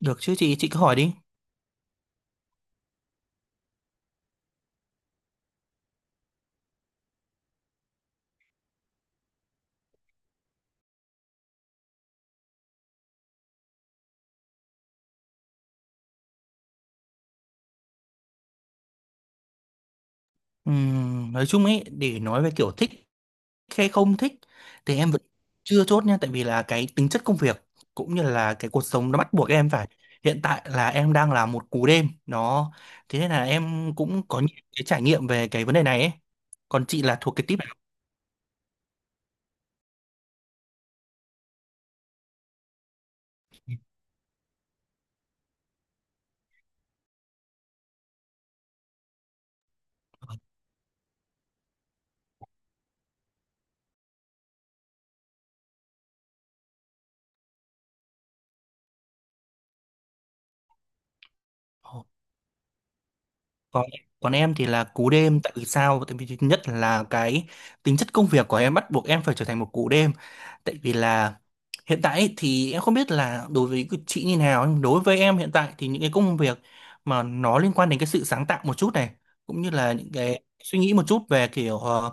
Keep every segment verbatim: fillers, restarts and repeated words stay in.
Được chứ chị, chị cứ hỏi đi. Ừm, nói chung ấy, để nói về kiểu thích hay không thích thì em vẫn chưa chốt nha, tại vì là cái tính chất công việc cũng như là cái cuộc sống nó bắt buộc em phải. Hiện tại là em đang là một cú đêm, đó. Thế nên là em cũng có những cái trải nghiệm về cái vấn đề này ấy. Còn chị là thuộc cái tip nào? Còn còn em thì là cú đêm, tại vì sao? Tại vì thứ nhất là cái tính chất công việc của em bắt buộc em phải trở thành một cú đêm, tại vì là hiện tại ấy thì em không biết là đối với cái chị như nào, nhưng đối với em hiện tại thì những cái công việc mà nó liên quan đến cái sự sáng tạo một chút này, cũng như là những cái suy nghĩ một chút về kiểu ờ,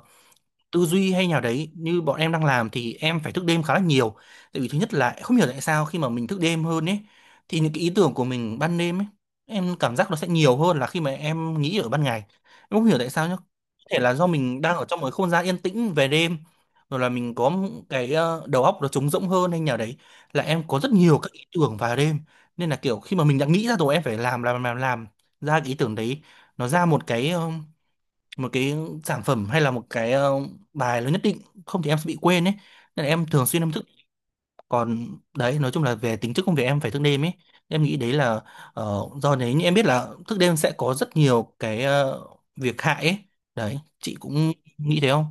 tư duy hay nào đấy như bọn em đang làm, thì em phải thức đêm khá là nhiều. Tại vì thứ nhất là không hiểu tại sao khi mà mình thức đêm hơn ấy thì những cái ý tưởng của mình ban đêm ấy, em cảm giác nó sẽ nhiều hơn là khi mà em nghĩ ở ban ngày. Em không hiểu tại sao nhá, có thể là do mình đang ở trong một cái không gian yên tĩnh về đêm, rồi là mình có một cái ờ, đầu óc nó trống rỗng hơn hay nào đấy, là em có rất nhiều các ý tưởng vào đêm. Nên là kiểu khi mà mình đã nghĩ ra rồi em phải làm làm làm làm ra cái ý tưởng đấy, nó ra một cái ờ, một cái sản phẩm hay là một cái ờ, bài nó nhất định, không thì em sẽ bị quên ấy, nên là em thường xuyên em thức. Còn đấy, nói chung là về tính chất công việc em phải thức đêm ấy, em nghĩ đấy là ờ, do đấy. Nhưng em biết là thức đêm sẽ có rất nhiều cái ờ, việc hại ấy, đấy chị cũng nghĩ thế không?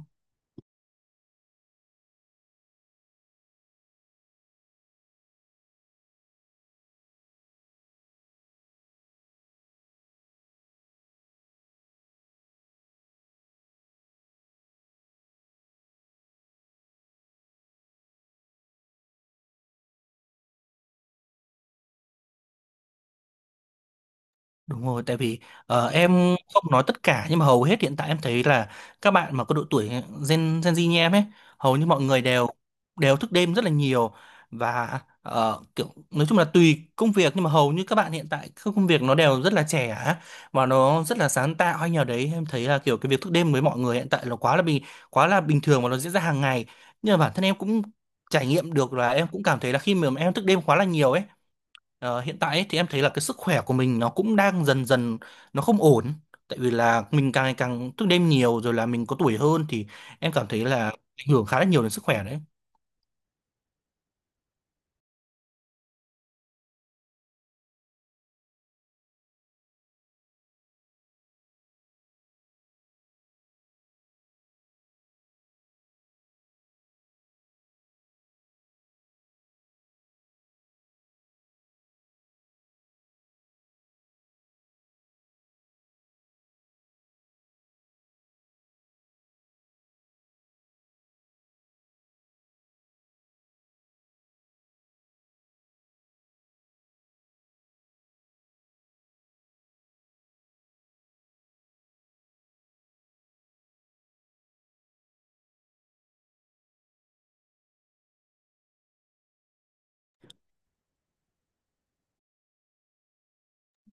Đúng rồi, tại vì ờ, em không nói tất cả nhưng mà hầu hết hiện tại em thấy là các bạn mà có độ tuổi Gen Gen Z như em ấy, hầu như mọi người đều đều thức đêm rất là nhiều. Và ờ, kiểu nói chung là tùy công việc, nhưng mà hầu như các bạn hiện tại các công việc nó đều rất là trẻ á, và nó rất là sáng tạo hay nhờ đấy, em thấy là kiểu cái việc thức đêm với mọi người hiện tại là quá là bình quá là bình thường và nó diễn ra hàng ngày. Nhưng mà bản thân em cũng trải nghiệm được là em cũng cảm thấy là khi mà em thức đêm quá là nhiều ấy, Ờ, hiện tại ấy, thì em thấy là cái sức khỏe của mình nó cũng đang dần dần nó không ổn, tại vì là mình càng ngày càng thức đêm nhiều, rồi là mình có tuổi hơn thì em cảm thấy là ảnh hưởng khá là nhiều đến sức khỏe đấy.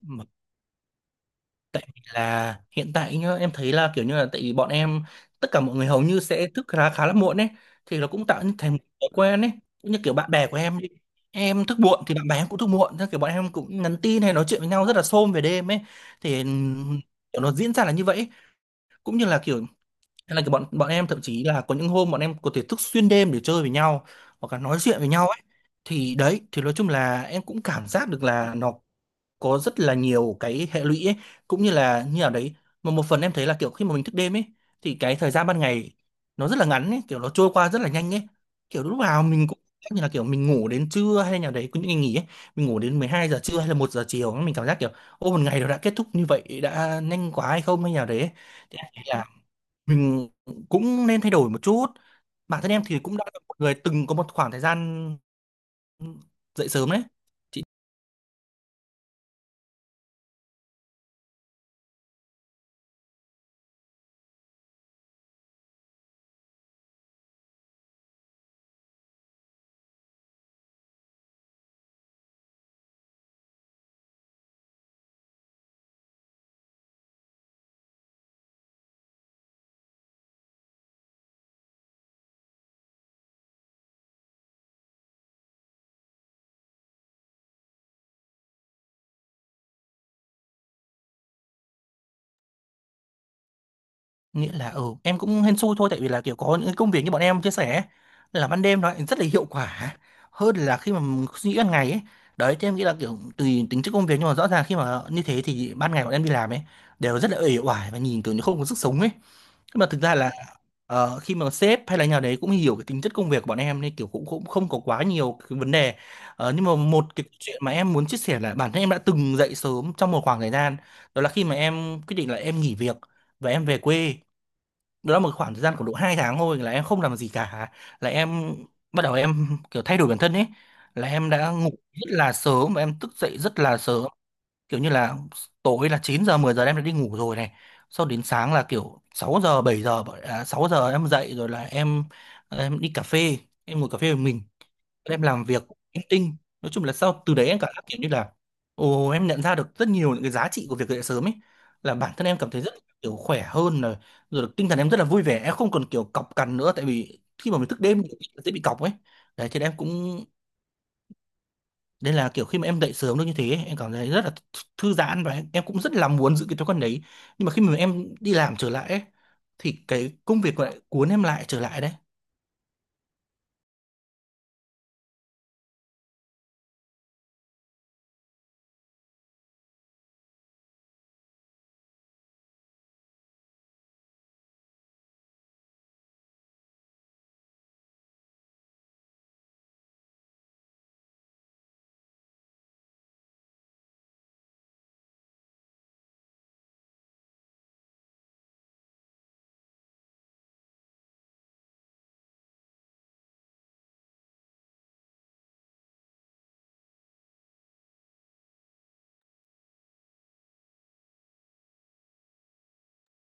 Bởi vì là hiện tại nhá, em thấy là kiểu như là tại vì bọn em, tất cả mọi người hầu như sẽ thức khá khá là muộn ấy, thì nó cũng tạo thành một thói quen ấy, cũng như kiểu bạn bè của em đi, em thức muộn thì bạn bè em cũng thức muộn, thế kiểu bọn em cũng nhắn tin hay nói chuyện với nhau rất là xôm về đêm ấy, thì kiểu nó diễn ra là như vậy ấy. Cũng như là kiểu hay là cái bọn bọn em thậm chí là có những hôm bọn em có thể thức xuyên đêm để chơi với nhau, hoặc là nói chuyện với nhau ấy. Thì đấy, thì nói chung là em cũng cảm giác được là nó có rất là nhiều cái hệ lụy ấy, cũng như là như nào đấy, mà một phần em thấy là kiểu khi mà mình thức đêm ấy, thì cái thời gian ban ngày nó rất là ngắn ấy, kiểu nó trôi qua rất là nhanh ấy, kiểu lúc nào mình cũng cảm giác như là kiểu mình ngủ đến trưa hay nào đấy, có những ngày nghỉ ấy mình ngủ đến mười hai giờ trưa hay là một giờ chiều, mình cảm giác kiểu ô, một ngày nó đã kết thúc như vậy đã nhanh quá hay không hay nào đấy ấy. Thì em thấy là mình cũng nên thay đổi một chút. Bản thân em thì cũng đã là một người từng có một khoảng thời gian dậy sớm đấy. Chị nghĩa là, ừ, em cũng hên xui thôi, tại vì là kiểu có những cái công việc như bọn em chia sẻ ấy, là ban đêm nó lại rất là hiệu quả hơn là khi mà mình suy nghĩ ban ngày ấy. Đấy thì em nghĩ là kiểu tùy tính chất công việc, nhưng mà rõ ràng khi mà như thế thì ban ngày bọn em đi làm ấy, đều rất là uể oải và nhìn kiểu như không có sức sống ấy. Nhưng mà thực ra là ờ, khi mà sếp hay là nhà đấy cũng hiểu cái tính chất công việc của bọn em, nên kiểu cũng cũng không có quá nhiều cái vấn đề. Ờ, nhưng mà một cái chuyện mà em muốn chia sẻ là bản thân em đã từng dậy sớm trong một khoảng thời gian, đó là khi mà em quyết định là em nghỉ việc và em về quê. Đó là một khoảng thời gian khoảng độ hai tháng thôi là em không làm gì cả, là em bắt đầu em kiểu thay đổi bản thân ấy, là em đã ngủ rất là sớm và em thức dậy rất là sớm, kiểu như là tối là chín giờ mười giờ là em đã đi ngủ rồi này, sau đến sáng là kiểu sáu giờ bảy giờ à, sáu giờ em dậy, rồi là em em đi cà phê, em ngồi cà phê một mình, em làm việc, em tinh, nói chung là sau từ đấy em cảm giác kiểu như là, ồ, em nhận ra được rất nhiều những cái giá trị của việc dậy sớm ấy, là bản thân em cảm thấy rất kiểu khỏe hơn, rồi rồi tinh thần em rất là vui vẻ, em không còn kiểu cọc cằn nữa, tại vì khi mà mình thức đêm thì dễ bị cọc ấy. Đấy thì em cũng, nên là kiểu khi mà em dậy sớm được như thế ấy, em cảm thấy rất là th- thư giãn, và em cũng rất là muốn giữ cái thói quen đấy. Nhưng mà khi mà em đi làm trở lại ấy, thì cái công việc lại cuốn em lại trở lại đấy.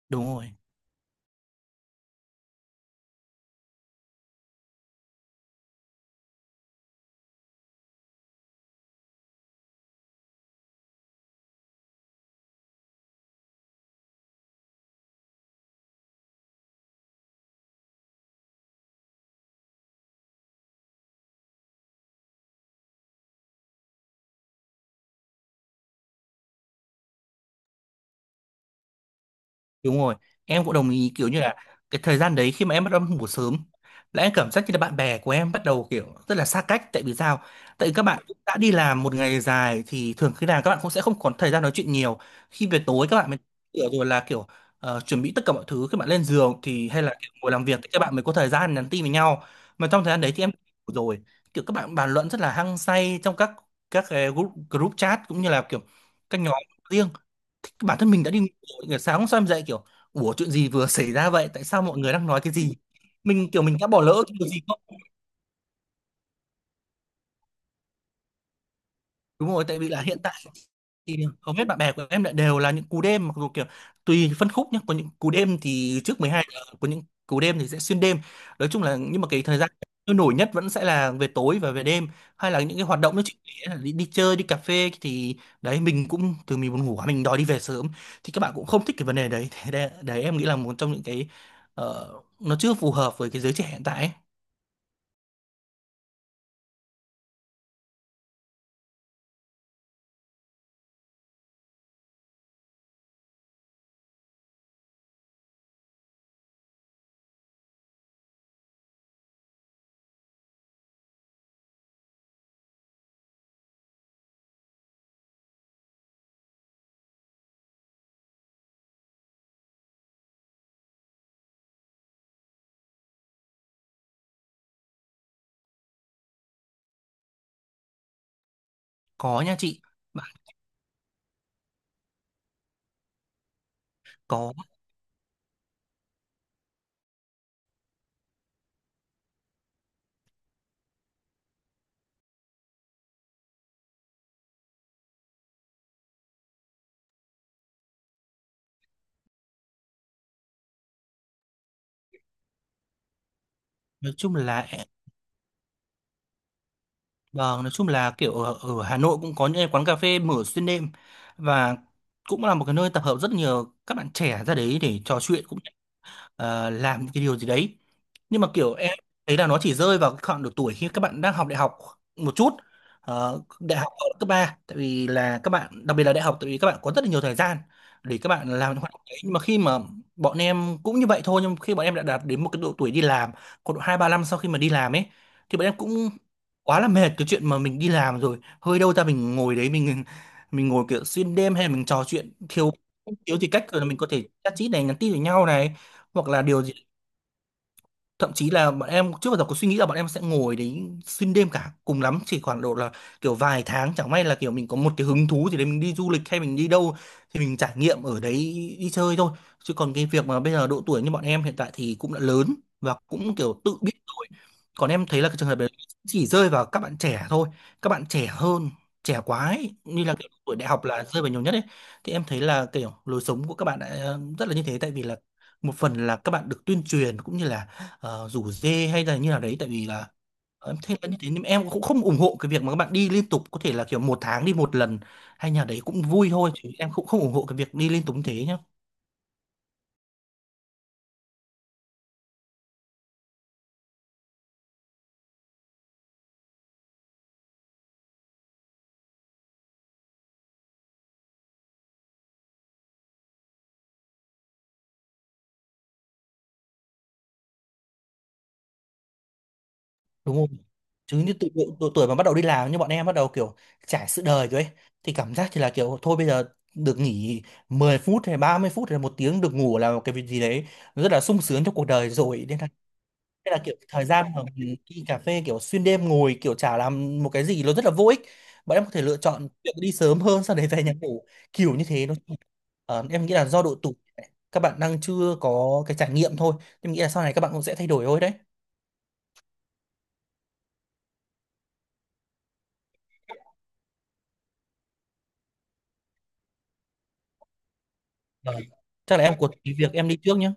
Đúng rồi. Đúng rồi, em cũng đồng ý kiểu như là cái thời gian đấy khi mà em bắt đầu em ngủ sớm, là em cảm giác như là bạn bè của em bắt đầu kiểu rất là xa cách, tại vì sao? Tại vì các bạn cũng đã đi làm một ngày dài thì thường khi nào các bạn cũng sẽ không còn thời gian nói chuyện nhiều. Khi về tối các bạn mới kiểu, rồi là kiểu ờ, chuẩn bị tất cả mọi thứ, các bạn lên giường thì hay là kiểu ngồi làm việc, thì các bạn mới có thời gian nhắn tin với nhau. Mà trong thời gian đấy thì em ngủ rồi, kiểu các bạn bàn luận rất là hăng say trong các các cái group, group chat, cũng như là kiểu các nhóm riêng, bản thân mình đã đi ngủ, kiểu sáng hôm sau em dậy kiểu, ủa chuyện gì vừa xảy ra vậy, tại sao mọi người đang nói cái gì, mình kiểu mình đã bỏ lỡ cái điều gì không. Đúng rồi, tại vì là hiện tại thì hầu hết bạn bè của em lại đều là những cú đêm, mặc dù kiểu tùy phân khúc nhé, có những cú đêm thì trước mười hai giờ, có những cú đêm thì sẽ xuyên đêm. Nói chung là nhưng mà cái thời gian sôi nổi nhất vẫn sẽ là về tối và về đêm, hay là những cái hoạt động nó chỉ là đi, đi chơi đi cà phê, thì đấy mình cũng, từ mình buồn ngủ quá, mình đòi đi về sớm thì các bạn cũng không thích cái vấn đề đấy. Thế đấy, đấy em nghĩ là một trong những cái ờ, nó chưa phù hợp với cái giới trẻ hiện tại ấy. Có nha chị. Bạn có. Nói chung là vâng, nói chung là kiểu ở, ở Hà Nội cũng có những cái quán cà phê mở xuyên đêm, và cũng là một cái nơi tập hợp rất nhiều các bạn trẻ ra đấy để trò chuyện, cũng ờ, làm cái điều gì đấy. Nhưng mà kiểu em thấy là nó chỉ rơi vào cái khoảng độ tuổi khi các bạn đang học đại học một chút, ờ, đại học ở cấp ba, tại vì là các bạn, đặc biệt là đại học, tại vì các bạn có rất là nhiều thời gian để các bạn làm những hoạt động đấy. Nhưng mà khi mà bọn em cũng như vậy thôi, nhưng khi bọn em đã đạt đến một cái độ tuổi đi làm, khoảng độ hai ba năm sau khi mà đi làm ấy, thì bọn em cũng quá là mệt cái chuyện mà mình đi làm rồi, hơi đâu ra mình ngồi đấy mình mình ngồi kiểu xuyên đêm, hay là mình trò chuyện thiếu thiếu thì cách rồi, là mình có thể chat chít này, nhắn tin với nhau này, hoặc là điều gì. Thậm chí là bọn em trước bao giờ có suy nghĩ là bọn em sẽ ngồi đấy xuyên đêm cả, cùng lắm chỉ khoảng độ là kiểu vài tháng, chẳng may là kiểu mình có một cái hứng thú gì đấy, mình đi du lịch hay mình đi đâu thì mình trải nghiệm ở đấy, đi chơi thôi. Chứ còn cái việc mà bây giờ độ tuổi như bọn em hiện tại thì cũng đã lớn và cũng kiểu tự biết rồi. Còn em thấy là cái trường hợp đấy chỉ rơi vào các bạn trẻ thôi, các bạn trẻ hơn, trẻ quá ấy, như là kiểu tuổi đại học là rơi vào nhiều nhất ấy. Thì em thấy là kiểu lối sống của các bạn đã ờ, rất là như thế, tại vì là một phần là các bạn được tuyên truyền cũng như là ờ, rủ dê hay là như nào đấy. Tại vì là em thấy là như thế, nhưng em cũng không ủng hộ cái việc mà các bạn đi liên tục, có thể là kiểu một tháng đi một lần hay nhà đấy cũng vui thôi, chứ em cũng không ủng hộ cái việc đi liên tục như thế nhá. Đúng không, chứ như tụi, tụi, tụi tuổi mà bắt đầu đi làm như bọn em, bắt đầu kiểu trải sự đời rồi ấy, thì cảm giác thì là kiểu thôi bây giờ được nghỉ mười phút hay ba mươi phút hay là một tiếng được ngủ là một cái việc gì đấy rất là sung sướng trong cuộc đời rồi, nên là thế. Là kiểu thời gian mà mình đi cà phê kiểu xuyên đêm ngồi kiểu chả làm một cái gì, nó rất là vô ích. Bọn em có thể lựa chọn việc đi sớm hơn, sau đấy về nhà ngủ kiểu như thế nó. Ờ, em nghĩ là do độ tuổi các bạn đang chưa có cái trải nghiệm thôi. Em nghĩ là sau này các bạn cũng sẽ thay đổi thôi đấy. Vâng. Chắc là em có tí việc em đi trước nhé.